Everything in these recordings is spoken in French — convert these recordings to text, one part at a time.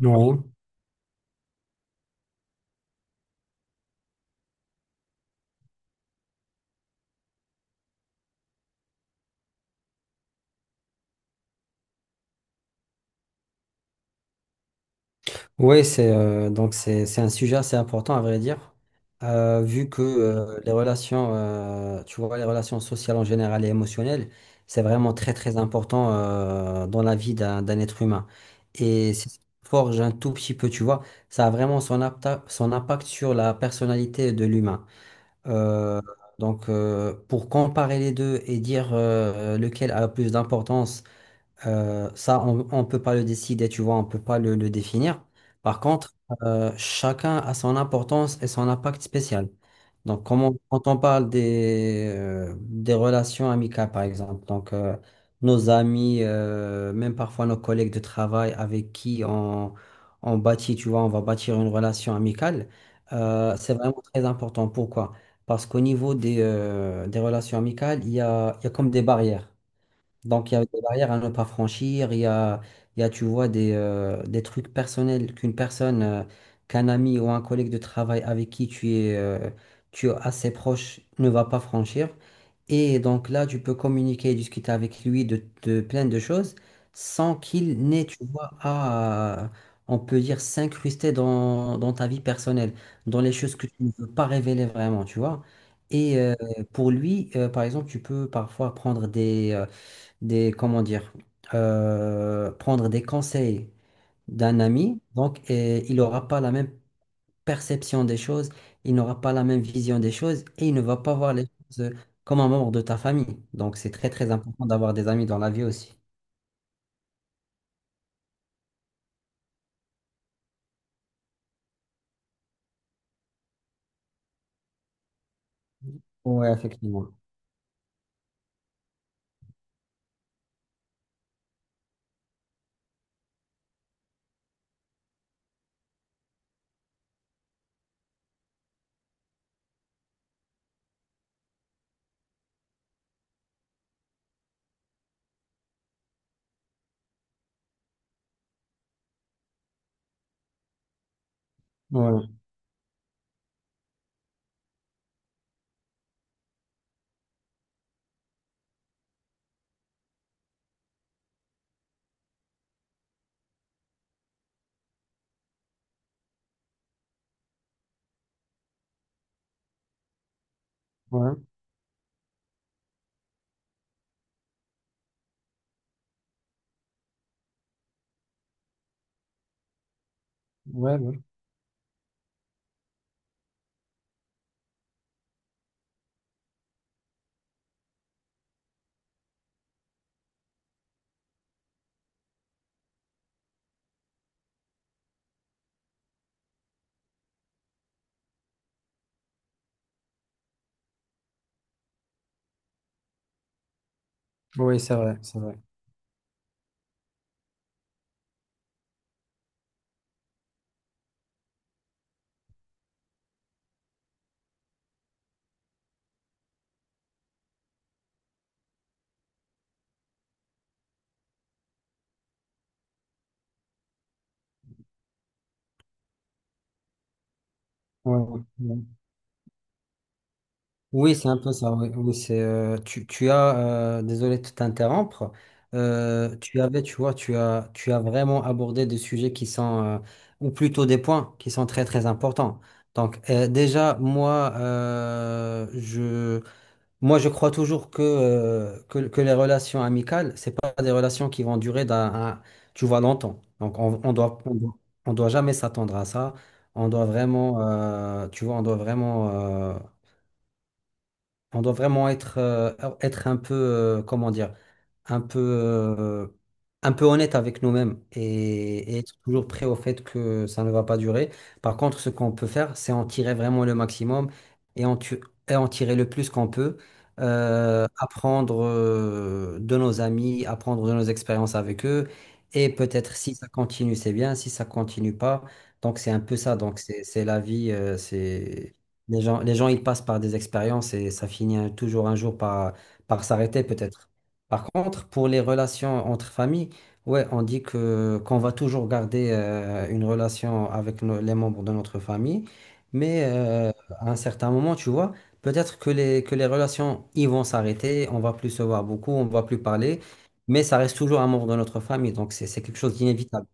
Oui, oui, c'est donc c'est un sujet assez important à vrai dire. Vu que les relations, tu vois, les relations sociales en général et émotionnelles, c'est vraiment très très important dans la vie d'un être humain. Et c'est ce qui forge un tout petit peu, tu vois, ça a vraiment son, son impact sur la personnalité de l'humain. Euh, pour comparer les deux et dire lequel a plus d'importance. Ça, on ne peut pas le décider, tu vois, on ne peut pas le définir. Par contre, chacun a son importance et son impact spécial. Donc, quand on parle des relations amicales, par exemple, nos amis, même parfois nos collègues de travail avec qui on bâtit, tu vois, on va bâtir une relation amicale, c'est vraiment très important. Pourquoi? Parce qu'au niveau des relations amicales, il y a comme des barrières. Donc, il y a des barrières à ne pas franchir, il y a, tu vois, des trucs personnels qu'une personne, qu'un ami ou un collègue de travail avec qui tu es assez proche ne va pas franchir. Et donc là, tu peux communiquer et discuter avec lui de plein de choses sans qu'il n'ait, tu vois, on peut dire, s'incruster dans ta vie personnelle, dans les choses que tu ne veux pas révéler vraiment, tu vois. Et euh, pour lui, par exemple, tu peux parfois comment dire, prendre des conseils d'un ami, donc et il n'aura pas la même perception des choses, il n'aura pas la même vision des choses et il ne va pas voir les choses comme un membre de ta famille. Donc c'est très très important d'avoir des amis dans la vie aussi. Oui, effectivement. Ouais, ouais, ouais, ouais. Oui, c'est vrai, c'est vrai. Ouais, ouais. Oui, c'est un peu ça. Oui, oui, c'est tu as désolé de t'interrompre. Tu vois, tu as vraiment abordé des sujets qui sont ou plutôt des points qui sont très très importants. Déjà moi je moi je crois toujours que les relations amicales c'est pas des relations qui vont durer tu vois longtemps. Donc on doit jamais s'attendre à ça. On doit vraiment tu vois on doit vraiment être, être un peu, comment dire, un peu, euh, un peu honnête avec nous-mêmes et être toujours prêt au fait que ça ne va pas durer. Par contre, ce qu'on peut faire, c'est en tirer vraiment le maximum et en, tu- et en tirer le plus qu'on peut. Apprendre de nos amis, apprendre de nos expériences avec eux. Et peut-être si ça continue, c'est bien. Si ça continue pas, donc c'est un peu ça. Donc c'est la vie. C'est les gens, ils passent par des expériences et ça finit toujours un jour par, par s'arrêter peut-être. Par contre, pour les relations entre familles, ouais, on dit que qu'on va toujours garder une relation avec les membres de notre famille, mais à un certain moment, tu vois, peut-être que les relations ils vont s'arrêter, on va plus se voir beaucoup, on va plus parler, mais ça reste toujours un membre de notre famille, donc c'est quelque chose d'inévitable.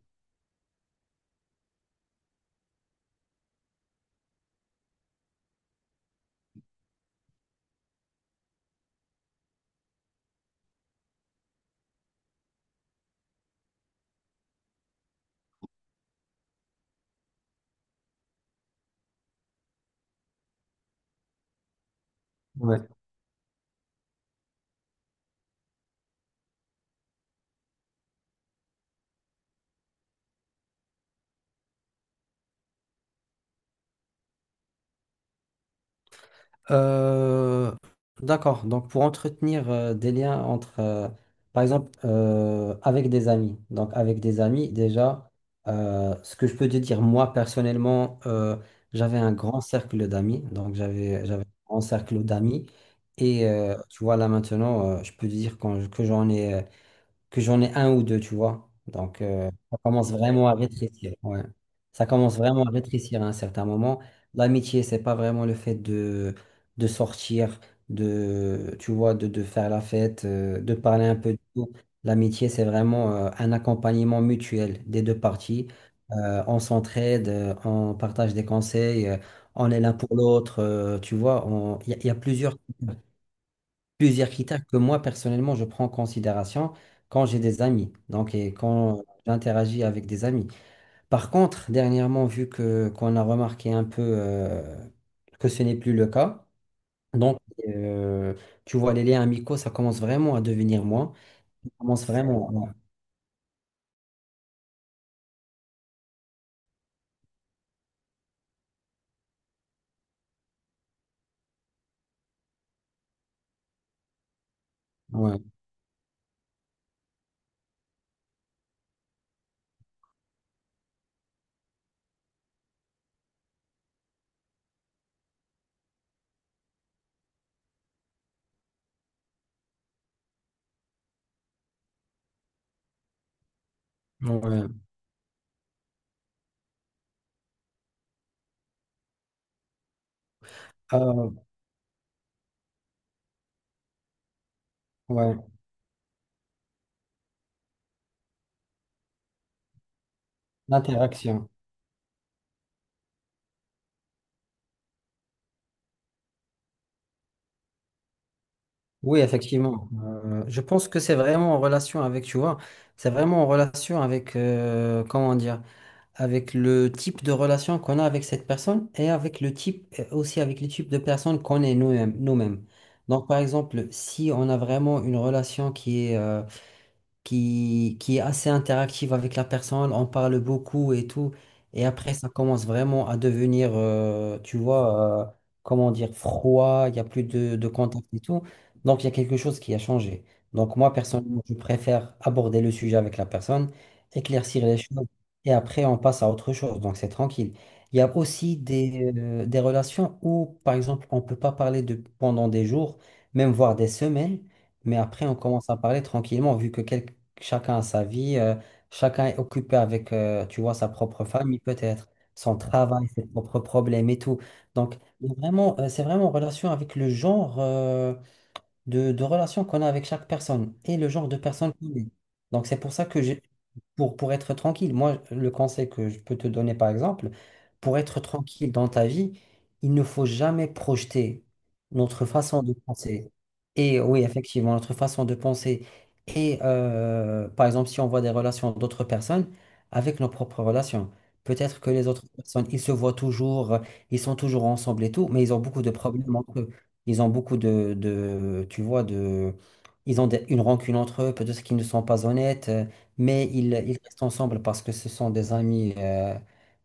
Ouais. Euh, d'accord. Donc, pour entretenir des liens entre, par exemple, avec des amis. Donc, avec des amis, déjà, ce que je peux te dire, moi, personnellement, j'avais un grand cercle d'amis. Donc, j'avais un grand cercle d'amis. Et tu vois, là, maintenant, je peux te dire que j'en ai. Que j'en ai un ou deux, tu vois. Donc, ça commence vraiment à rétrécir. Ouais. Ça commence vraiment à rétrécir à un certain moment. L'amitié, c'est pas vraiment le fait de sortir, tu vois, de faire la fête, de parler un peu de tout. L'amitié, c'est vraiment un accompagnement mutuel des deux parties. On s'entraide, on partage des conseils, on est l'un pour l'autre, tu vois. Il y a plusieurs plusieurs critères que moi, personnellement, je prends en considération quand j'ai des amis, donc et quand j'interagis avec des amis. Par contre, dernièrement, vu que qu'on a remarqué un peu que ce n'est plus le cas, donc euh, tu vois, les liens amicaux, ça commence vraiment à devenir moins. Ça commence vraiment. Ouais, ouais, ouais. Euh, ouais, l'interaction. Oui, effectivement. Je pense que c'est vraiment en relation avec, tu vois, c'est vraiment en relation avec, comment dire, avec le type de relation qu'on a avec cette personne et avec le type, et aussi avec le type de personne qu'on est nous-mêmes. Donc, par exemple, si on a vraiment une relation qui est, qui est assez interactive avec la personne, on parle beaucoup et tout. Et après, ça commence vraiment à devenir, tu vois, comment dire, froid, il n'y a plus de contact et tout. Donc, il y a quelque chose qui a changé. Donc, moi, personnellement, je préfère aborder le sujet avec la personne, éclaircir les choses, et après, on passe à autre chose. Donc, c'est tranquille. Il y a aussi des relations où, par exemple, on ne peut pas parler de, pendant des jours, même voire des semaines. Mais après, on commence à parler tranquillement, chacun a sa vie, chacun est occupé avec, tu vois, sa propre famille peut-être, son travail, ses propres problèmes et tout. Donc, il y a vraiment, c'est vraiment en relation avec le genre. De relation qu'on a avec chaque personne et le genre de personne qu'on est. Donc c'est pour ça que j'ai, Pour être tranquille, moi, le conseil que je peux te donner, par exemple, pour être tranquille dans ta vie, il ne faut jamais projeter notre façon de penser. Et oui, effectivement, notre façon de penser. Et par exemple, si on voit des relations d'autres personnes avec nos propres relations. Peut-être que les autres personnes, ils se voient toujours, ils sont toujours ensemble et tout, mais ils ont beaucoup de problèmes entre eux. Ils ont beaucoup tu vois, ils ont une rancune entre eux, peut-être qu'ils ne sont pas honnêtes, mais ils restent ensemble parce que ce sont des amis,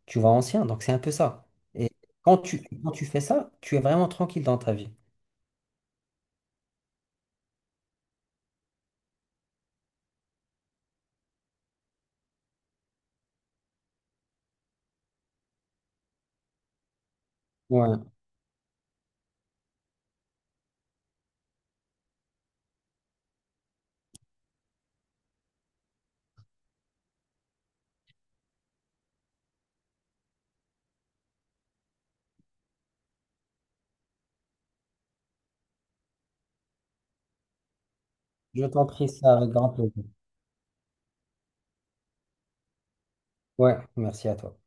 tu vois, anciens. Donc c'est un peu ça. Et quand tu fais ça, tu es vraiment tranquille dans ta vie. Ouais, je t'en prie ça avec grand plaisir. Ouais, merci à toi.